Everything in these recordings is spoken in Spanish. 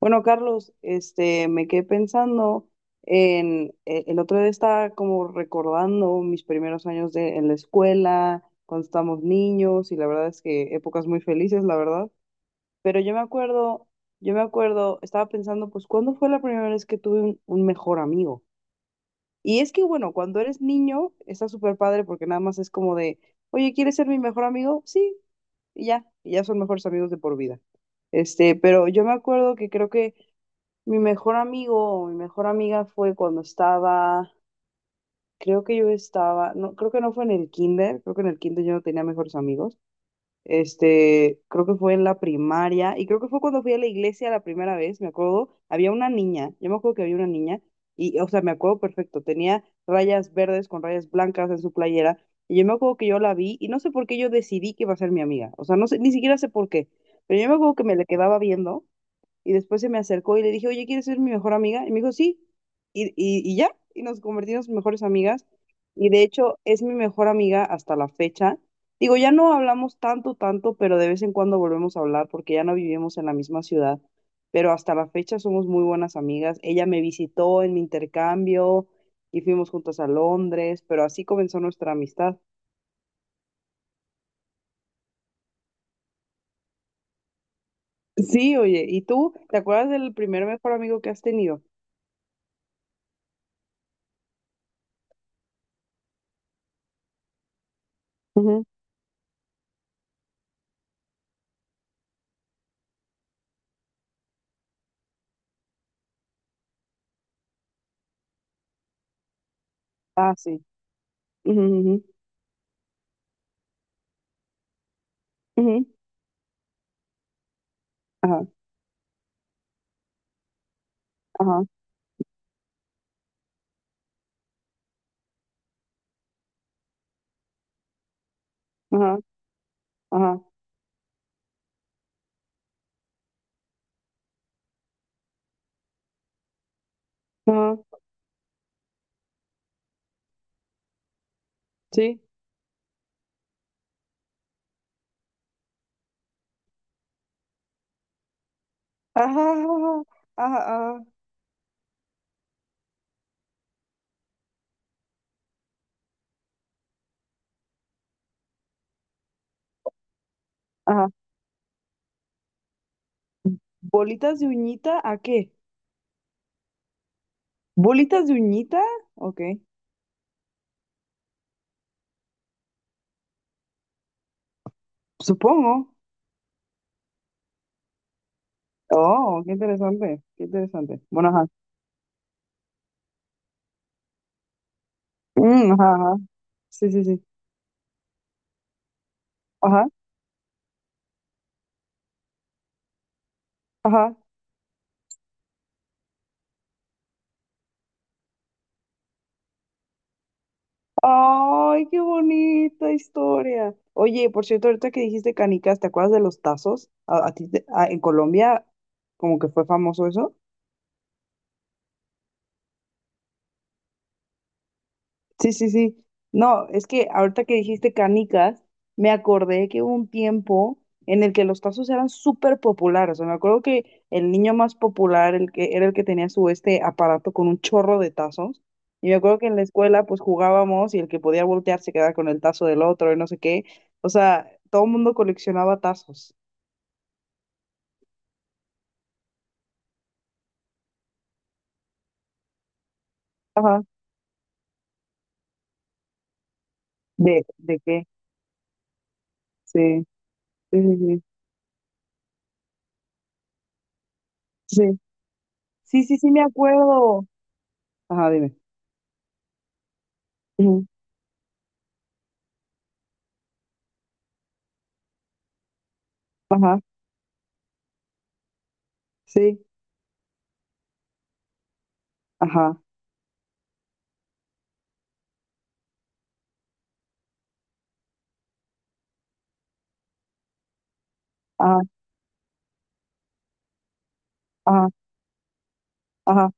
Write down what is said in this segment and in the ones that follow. Bueno, Carlos, me quedé pensando el otro día estaba como recordando mis primeros años en la escuela, cuando estábamos niños, y la verdad es que épocas muy felices, la verdad. Pero yo me acuerdo, estaba pensando, pues, ¿cuándo fue la primera vez que tuve un mejor amigo? Y es que, bueno, cuando eres niño, está súper padre porque nada más es como de, oye, ¿quieres ser mi mejor amigo? Sí, y ya son mejores amigos de por vida. Pero yo me acuerdo que creo que mi mejor amigo o mi mejor amiga fue cuando estaba, creo que yo estaba, no, creo que no fue en el kinder, creo que en el kinder yo no tenía mejores amigos. Creo que fue en la primaria y creo que fue cuando fui a la iglesia la primera vez, me acuerdo, había una niña, yo me acuerdo que había una niña y, o sea, me acuerdo perfecto, tenía rayas verdes con rayas blancas en su playera y yo me acuerdo que yo la vi y no sé por qué yo decidí que iba a ser mi amiga, o sea, no sé, ni siquiera sé por qué, pero yo me acuerdo que me le quedaba viendo. Y después se me acercó y le dije, oye, ¿quieres ser mi mejor amiga? Y me dijo, sí. Y ya, y nos convertimos en mejores amigas. Y de hecho es mi mejor amiga hasta la fecha. Digo, ya no hablamos tanto, tanto, pero de vez en cuando volvemos a hablar porque ya no vivimos en la misma ciudad. Pero hasta la fecha somos muy buenas amigas. Ella me visitó en mi intercambio y fuimos juntas a Londres, pero así comenzó nuestra amistad. Sí, oye, ¿y tú te acuerdas del primer mejor amigo que has tenido? Ujú. Ah, sí. Ujú, ujú, ujú. Ajá. Ajá, ajá, ajá, ajá, sí. Ajá, ajá, ajá, ajá. ¿Bolitas de uñita a qué? ¿Bolitas de uñita? Ok, supongo. Oh, qué interesante, qué interesante. Bueno, ajá. Mm, ajá, ajá. Sí, sí, sí. Ajá, ajá. Ay, qué bonita historia. Oye, por cierto, ahorita que dijiste canicas, ¿te acuerdas de los tazos? A ti te- a- En Colombia como que fue famoso eso? Sí, sí, sí. No, es que ahorita que dijiste canicas, me acordé que hubo un tiempo en el que los tazos eran súper populares. O sea, me acuerdo que el niño más popular el que, era el que tenía su este aparato con un chorro de tazos. Y me acuerdo que en la escuela pues jugábamos y el que podía voltear se quedaba con el tazo del otro y no sé qué. O sea, todo el mundo coleccionaba tazos. Ajá. ¿De qué? Sí, sí, sí, sí. Sí, sí, sí, sí, me acuerdo. Ajá, dime. Ujú. Ajá, sí, ajá. Ah, ajá, ajá,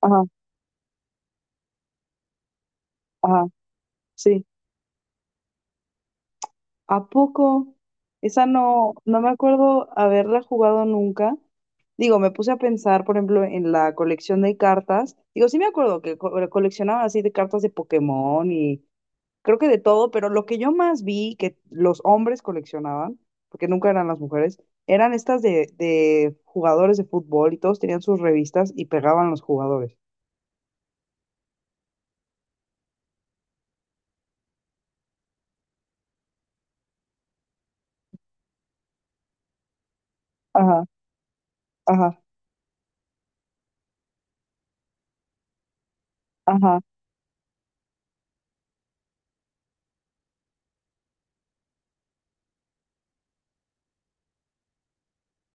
ajá, ajá, sí. ¿A poco? Esa no, no me acuerdo haberla jugado nunca. Digo, me puse a pensar, por ejemplo, en la colección de cartas. Digo, sí me acuerdo que coleccionaban así de cartas de Pokémon y creo que de todo, pero lo que yo más vi que los hombres coleccionaban, porque nunca eran las mujeres, eran estas de jugadores de fútbol y todos tenían sus revistas y pegaban los jugadores. Ajá, ajá, ajá,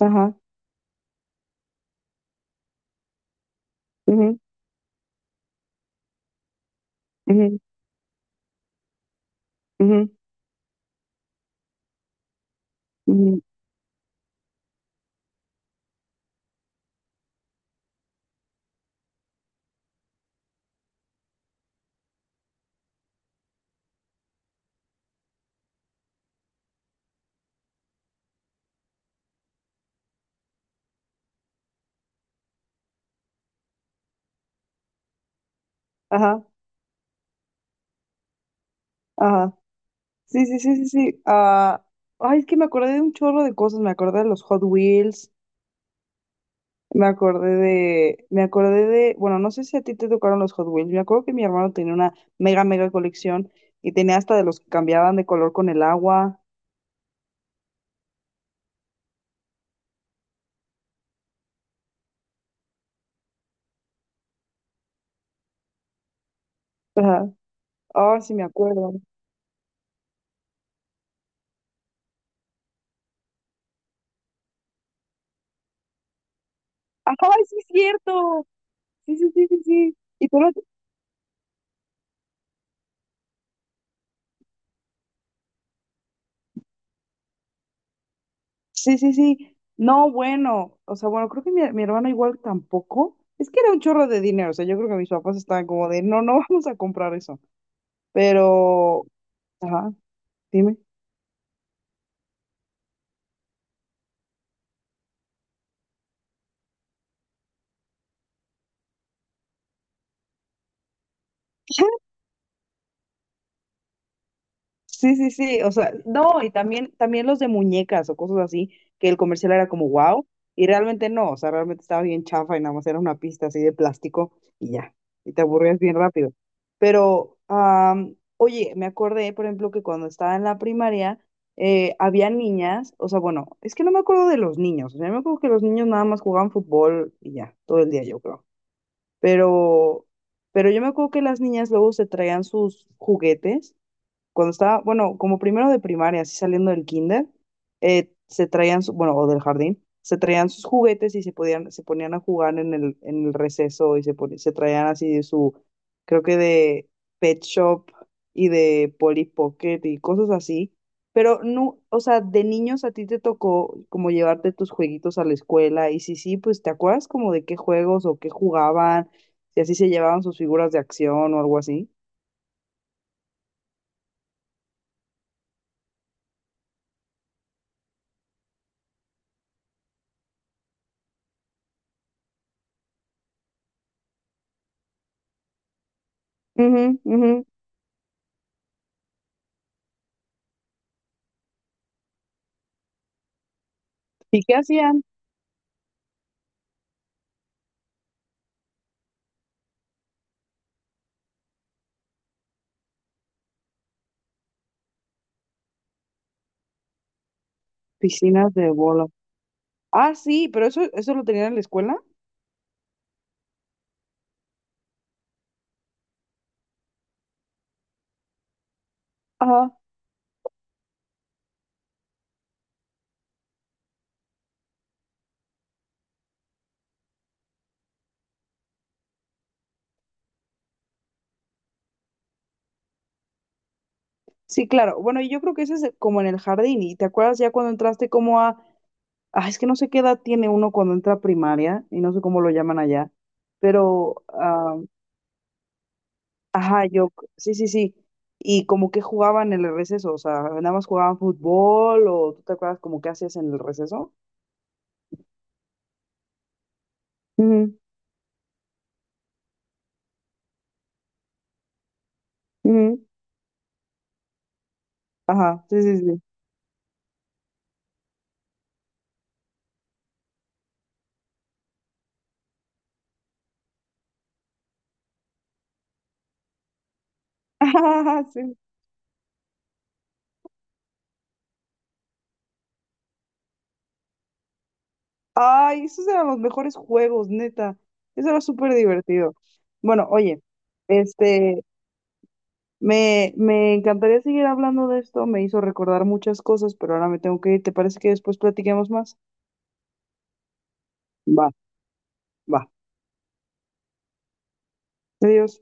ajá. Ujú, ujú, ujú, ujú, ajá, ajá. Sí, sí, sí, sí, sí. Ah, ay, es que me acordé de un chorro de cosas. Me acordé de los Hot Wheels. Me acordé de. Me acordé de. Bueno, no sé si a ti te tocaron los Hot Wheels. Me acuerdo que mi hermano tenía una mega, mega colección y tenía hasta de los que cambiaban de color con el agua. Ajá. Ay, sí, me acuerdo. Ay, sí, es cierto. Sí, sí, sí, sí, sí. Y tú lo Sí, sí, sí. No, bueno, o sea, bueno, creo que mi hermano igual tampoco. Es que era un chorro de dinero, o sea, yo creo que mis papás estaban como de, no, no vamos a comprar eso. Pero, ajá, dime. Sí, sí, sí, o sea, no, y también, también los de muñecas o cosas así, que el comercial era como wow, y realmente no, o sea, realmente estaba bien chafa y nada más era una pista así de plástico y ya, y te aburrías bien rápido. Pero, oye, me acordé, por ejemplo, que cuando estaba en la primaria, había niñas, o sea, bueno, es que no me acuerdo de los niños, o sea, me acuerdo que los niños nada más jugaban fútbol y ya, todo el día yo creo, pero, pero yo me acuerdo que las niñas luego se traían sus juguetes cuando estaba, bueno, como primero de primaria, así saliendo del kinder, bueno, o del jardín, se traían sus juguetes y se podían, se ponían a jugar en el receso y se traían así de su, creo que de Pet Shop y de Polly Pocket y cosas así. Pero no, o sea, de niños a ti te tocó como llevarte tus jueguitos a la escuela y sí sí, pues ¿te acuerdas como de qué juegos o qué jugaban? Si así se llevaban sus figuras de acción o algo así. Ujú, ujú. ¿Y qué hacían? Piscinas de bola. Ah, sí, pero eso lo tenían en la escuela. Ajá. Sí, claro. Bueno, y yo creo que ese es como en el jardín. ¿Y te acuerdas ya cuando entraste como a... Ah, es que no sé qué edad tiene uno cuando entra a primaria y no sé cómo lo llaman allá. Pero, ah, ajá, yo, sí, sí, sí. Y como que jugaban en el receso, o sea, nada más jugaban fútbol o tú te acuerdas como qué hacías en el receso. Ujú, ujú. Ajá, sí, sí, sí. Ay, esos eran los mejores juegos, neta. Eso era súper divertido. Bueno, oye, este, me encantaría seguir hablando de esto. Me hizo recordar muchas cosas, pero ahora me tengo que ir. ¿Te parece que después platiquemos más? Va, va. Adiós.